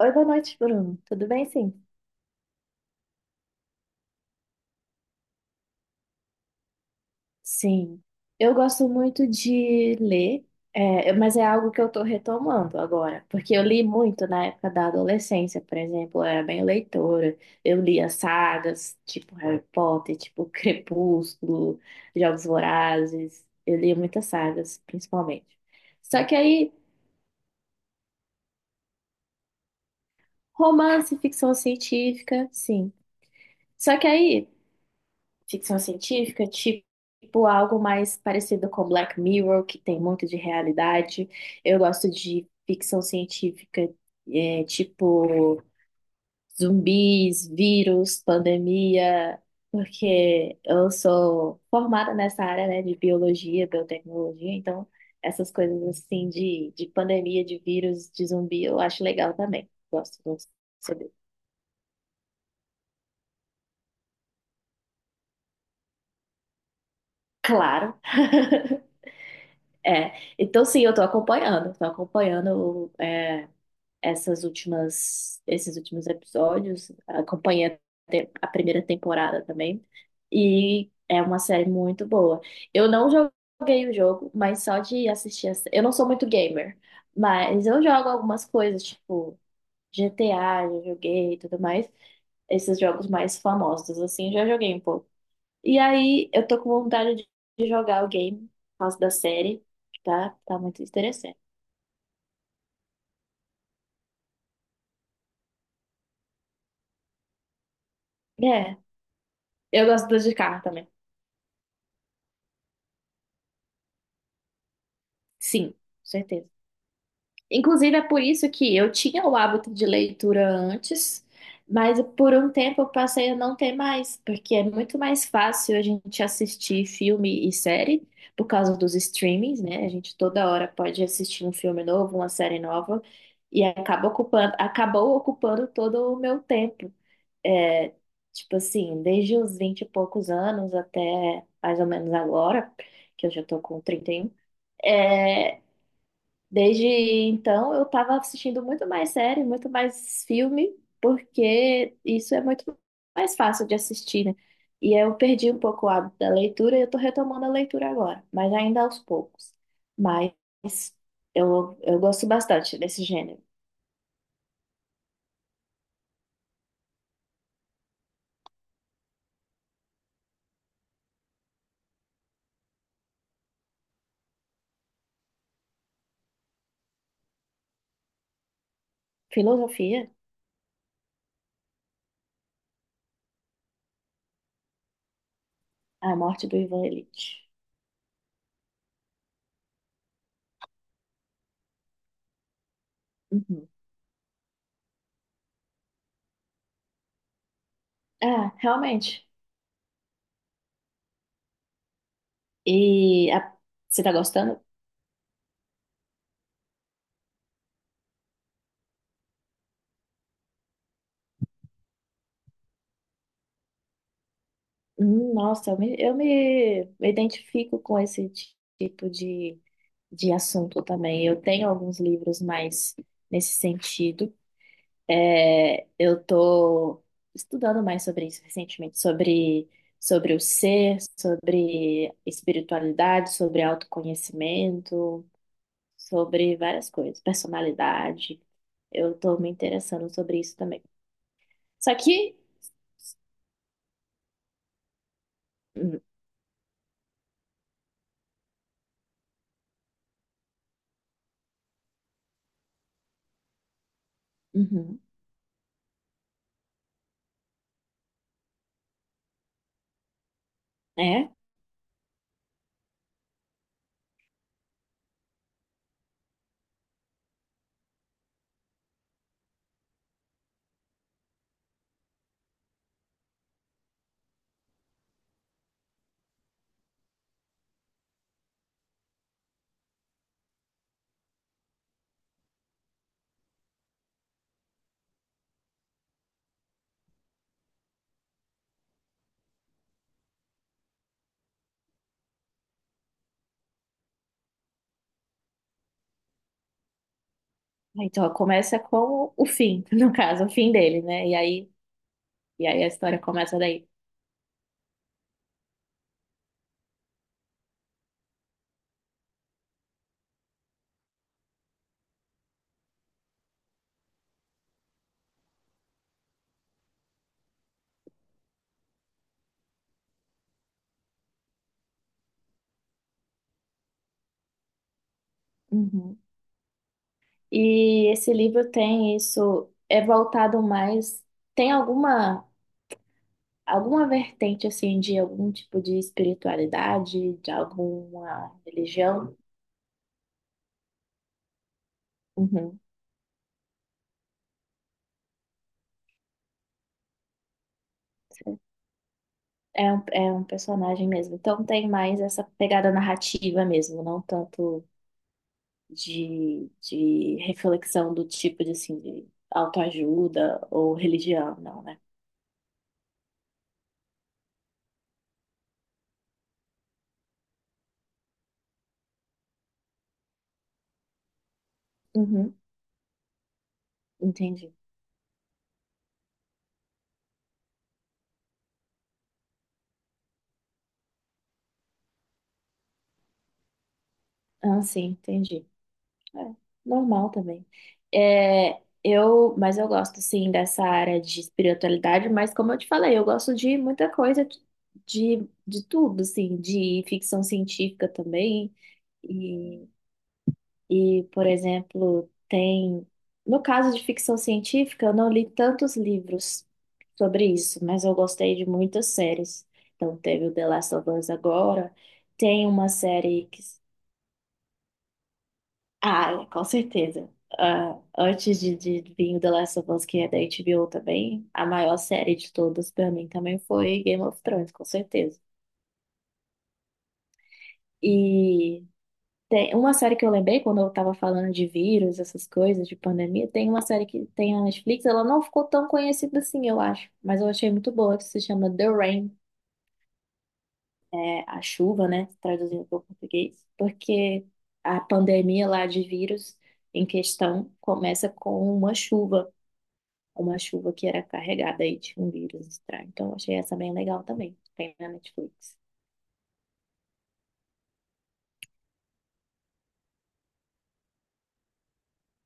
Oi, boa noite, Bruno. Tudo bem, sim? Sim. Eu gosto muito de ler, mas é algo que eu estou retomando agora, porque eu li muito na época da adolescência. Por exemplo, eu era bem leitora. Eu lia sagas, tipo Harry Potter, tipo Crepúsculo, Jogos Vorazes. Eu lia muitas sagas, principalmente. Só que aí, romance, ficção científica, sim. Só que aí, ficção científica, tipo algo mais parecido com Black Mirror, que tem muito de realidade. Eu gosto de ficção científica, tipo zumbis, vírus, pandemia, porque eu sou formada nessa área, né, de biologia, biotecnologia. Então essas coisas assim de pandemia, de vírus, de zumbi, eu acho legal também. Gosto de saber. Claro. É, então sim, tô acompanhando esses últimos episódios, acompanhei a, a primeira temporada também, e é uma série muito boa. Eu não joguei o jogo, mas só de assistir, a, eu não sou muito gamer, mas eu jogo algumas coisas, tipo GTA, já joguei e tudo mais, esses jogos mais famosos, assim, já joguei um pouco. E aí, eu tô com vontade de jogar o game por causa da série, que tá muito interessante. É, eu gosto das de carro também. Sim, com certeza. Inclusive, é por isso que eu tinha o hábito de leitura antes, mas por um tempo eu passei a não ter mais, porque é muito mais fácil a gente assistir filme e série por causa dos streamings, né? A gente toda hora pode assistir um filme novo, uma série nova, e acabou ocupando todo o meu tempo. é, tipo assim, desde os 20 e poucos anos até mais ou menos agora, que eu já tô com 31, é, desde então eu tava assistindo muito mais série, muito mais filme, porque isso é muito mais fácil de assistir, né? E eu perdi um pouco o hábito da leitura e eu tô retomando a leitura agora, mas ainda aos poucos. Mas eu gosto bastante desse gênero. Filosofia, A Morte do Ivan Ilitch. Uhum. Ah, realmente. E você tá gostando? Nossa, eu me me identifico com esse tipo de assunto também. Eu tenho alguns livros mais nesse sentido. É, eu tô estudando mais sobre isso recentemente, sobre o ser, sobre espiritualidade, sobre autoconhecimento, sobre várias coisas, personalidade. Eu tô me interessando sobre isso também. Só que. Hum, uhum, é. Então, começa com o fim, no caso, o fim dele, né? E aí a história começa daí. Uhum. E esse livro tem isso, tem alguma vertente assim de algum tipo de espiritualidade, de alguma religião? Uhum. É um personagem mesmo. Então tem mais essa pegada narrativa mesmo, não tanto de reflexão do tipo de assim de autoajuda ou religião, não, né? Uhum, entendi. Ah, sim, entendi. É, normal também. Mas eu gosto, sim, dessa área de espiritualidade, mas como eu te falei, eu gosto de muita coisa, de tudo, assim, de ficção científica também. E, e, por exemplo, tem... No caso de ficção científica, eu não li tantos livros sobre isso, mas eu gostei de muitas séries. Então, teve o The Last of Us agora, tem uma série que... Ah, é, com certeza. Ah, de vir o The Last of Us, que é da HBO também, a maior série de todas pra mim também foi Game of Thrones, com certeza. E tem uma série que eu lembrei quando eu tava falando de vírus, essas coisas, de pandemia. Tem uma série que tem na Netflix, ela não ficou tão conhecida assim, eu acho, mas eu achei muito boa, que se chama The Rain, é a chuva, né, traduzindo para o português, porque a pandemia lá de vírus em questão começa com uma chuva. Uma chuva que era carregada aí de um vírus estranho. Então, eu achei essa bem legal também. Tem na Netflix.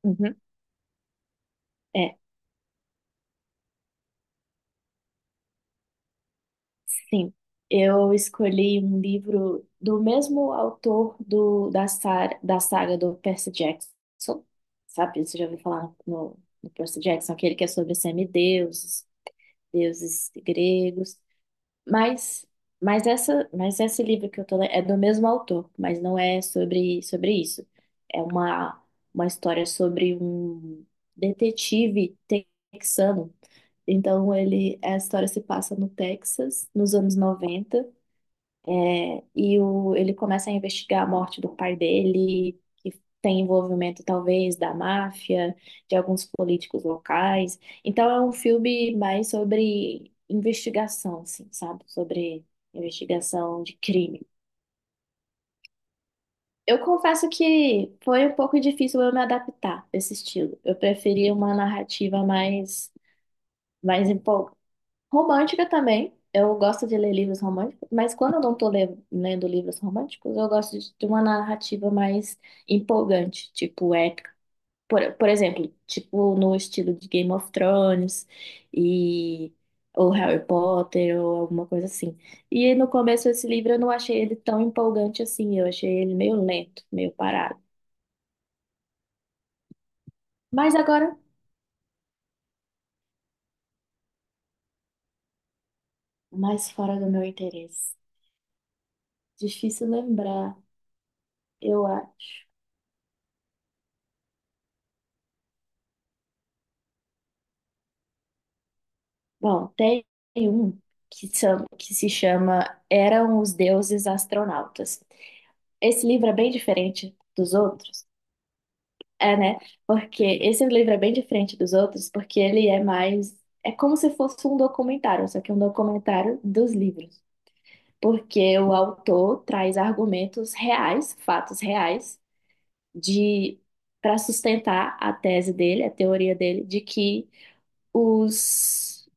Uhum. É, sim. Eu escolhi um livro do mesmo autor da saga do Percy Jackson. Sabe, você já ouviu falar no Percy Jackson, aquele que é sobre semideuses, deuses gregos. Mas, mas mas esse livro que eu tô lendo é do mesmo autor, mas não é sobre, sobre isso. É uma história sobre um detetive texano. Então ele, a história se passa no Texas, nos anos 90. E o, ele começa a investigar a morte do pai dele, que tem envolvimento talvez da máfia, de alguns políticos locais. Então é um filme mais sobre investigação, assim, sabe? Sobre investigação de crime. Eu confesso que foi um pouco difícil eu me adaptar a esse estilo. Eu preferia uma narrativa mais... Romântica também. Eu gosto de ler livros românticos, mas quando eu não estou lendo livros românticos, eu gosto de uma narrativa mais empolgante, tipo épica. Por exemplo, tipo no estilo de Game of Thrones e ou Harry Potter ou alguma coisa assim. E no começo esse livro eu não achei ele tão empolgante assim, eu achei ele meio lento, meio parado. Mas agora, mais fora do meu interesse. Difícil lembrar, eu acho. Bom, tem um que se chama Eram os Deuses Astronautas. Esse livro é bem diferente dos outros, é, né? Porque esse livro é bem diferente dos outros, porque ele é mais. É como se fosse um documentário, só que é um documentário dos livros. Porque o autor traz argumentos reais, fatos reais, de para sustentar a tese dele, a teoria dele, de que os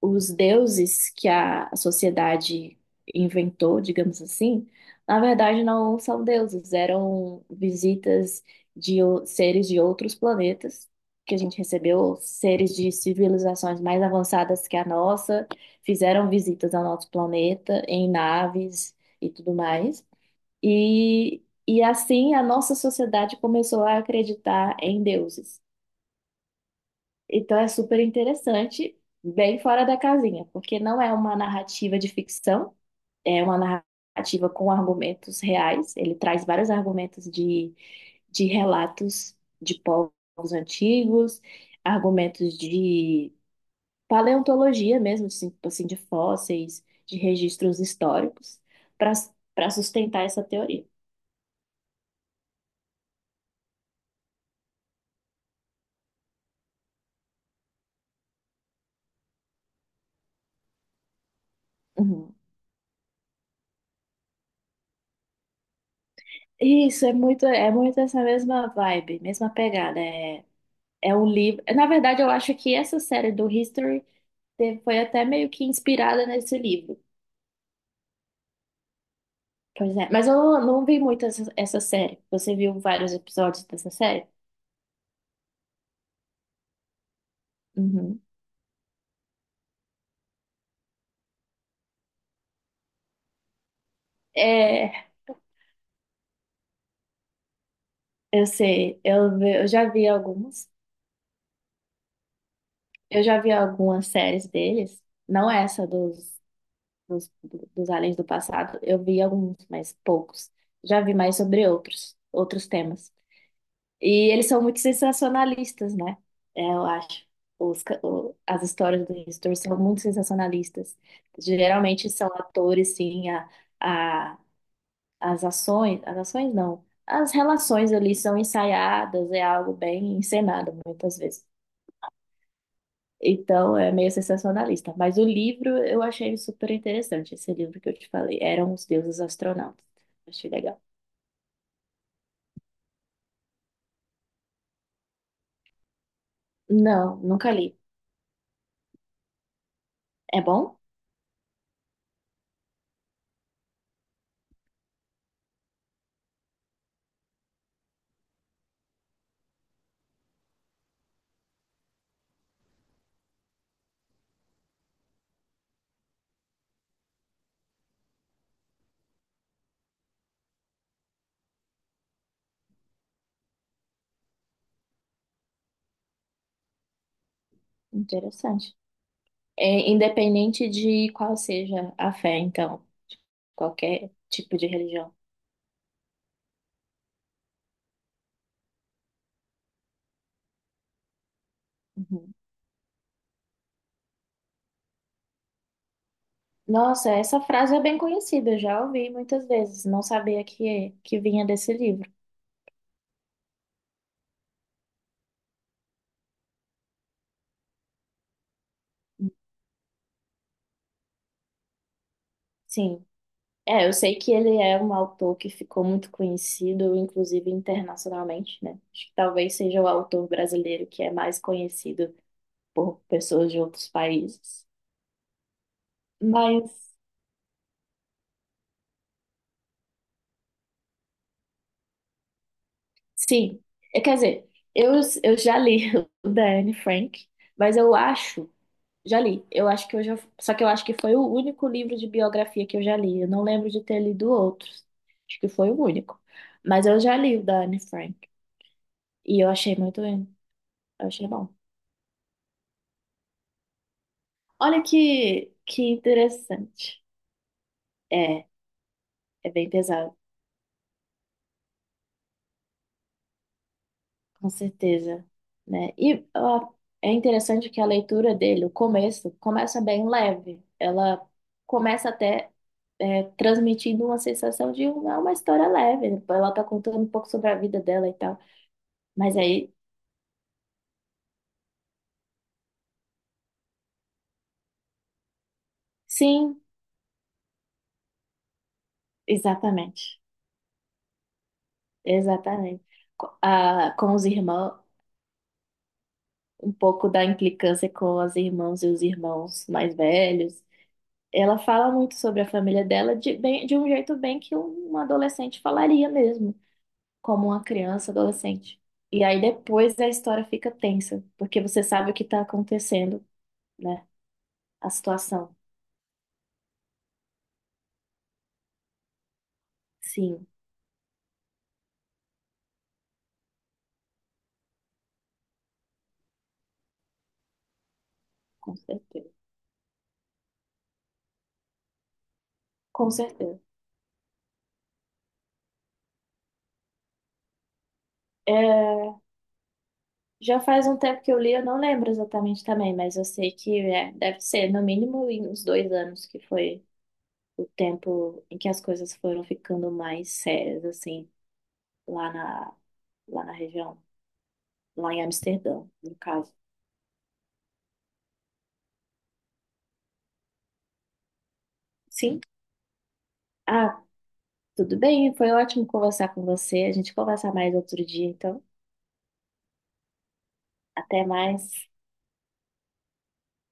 os deuses que a sociedade inventou, digamos assim, na verdade não são deuses, eram visitas de seres de outros planetas que a gente recebeu, seres de civilizações mais avançadas que a nossa, fizeram visitas ao nosso planeta em naves e tudo mais. E assim a nossa sociedade começou a acreditar em deuses. Então é super interessante, bem fora da casinha, porque não é uma narrativa de ficção, é uma narrativa com argumentos reais. Ele traz vários argumentos de relatos de povos antigos, argumentos de paleontologia mesmo, assim, tipo assim, de fósseis, de registros históricos, para para sustentar essa teoria. Uhum. Isso, é muito essa mesma vibe, mesma pegada. É... é um livro. Na verdade, eu acho que essa série do History foi até meio que inspirada nesse livro. Pois é. Mas eu não vi muito essa série. Você viu vários episódios dessa série? Uhum. É, eu sei. Eu já vi alguns. Eu já vi algumas séries deles. Não essa dos, dos aliens do passado. Eu vi alguns, mas poucos. Já vi mais sobre outros, outros temas. E eles são muito sensacionalistas, né? É, eu acho. As histórias do History são muito sensacionalistas. Geralmente são atores, sim, a, as ações não, as relações ali são ensaiadas, é algo bem encenado muitas vezes. Então é meio sensacionalista. Mas o livro eu achei super interessante, esse livro que eu te falei. Eram os deuses astronautas. Achei legal. Não, nunca li. É bom? Interessante. É, independente de qual seja a fé, então, de qualquer tipo de religião. Uhum. Nossa, essa frase é bem conhecida, eu já ouvi muitas vezes, não sabia que, é, que vinha desse livro. Sim. É, eu sei que ele é um autor que ficou muito conhecido, inclusive internacionalmente, né? Acho que talvez seja o autor brasileiro que é mais conhecido por pessoas de outros países. Mas... Sim, é, quer dizer, eu já li o da Anne Frank, mas eu acho, eu acho que eu já, só que eu acho que foi o único livro de biografia que eu já li, eu não lembro de ter lido outros, acho que foi o único, mas eu já li o da Anne Frank, e eu achei bom. Olha que interessante, é, é bem pesado, com certeza, né, e ó, é interessante que a leitura dele, o começo, começa bem leve, ela começa até transmitindo uma sensação de é uma história leve, né? Ela tá contando um pouco sobre a vida dela e tal. Mas aí, sim, exatamente. Exatamente. Com os irmãos, um pouco da implicância com as irmãs e os irmãos mais velhos. Ela fala muito sobre a família dela de, bem, de um jeito bem que uma adolescente falaria mesmo, como uma criança, adolescente. E aí depois a história fica tensa, porque você sabe o que está acontecendo, né? A situação. Sim. Com certeza. Com certeza. É, já faz um tempo que eu li, eu não lembro exatamente também, mas eu sei que é, deve ser no mínimo em uns 2 anos que foi o tempo em que as coisas foram ficando mais sérias, assim, lá na, lá na região, lá em Amsterdã, no caso. Sim? Ah, tudo bem, foi ótimo conversar com você. A gente conversar mais outro dia, então. Até mais.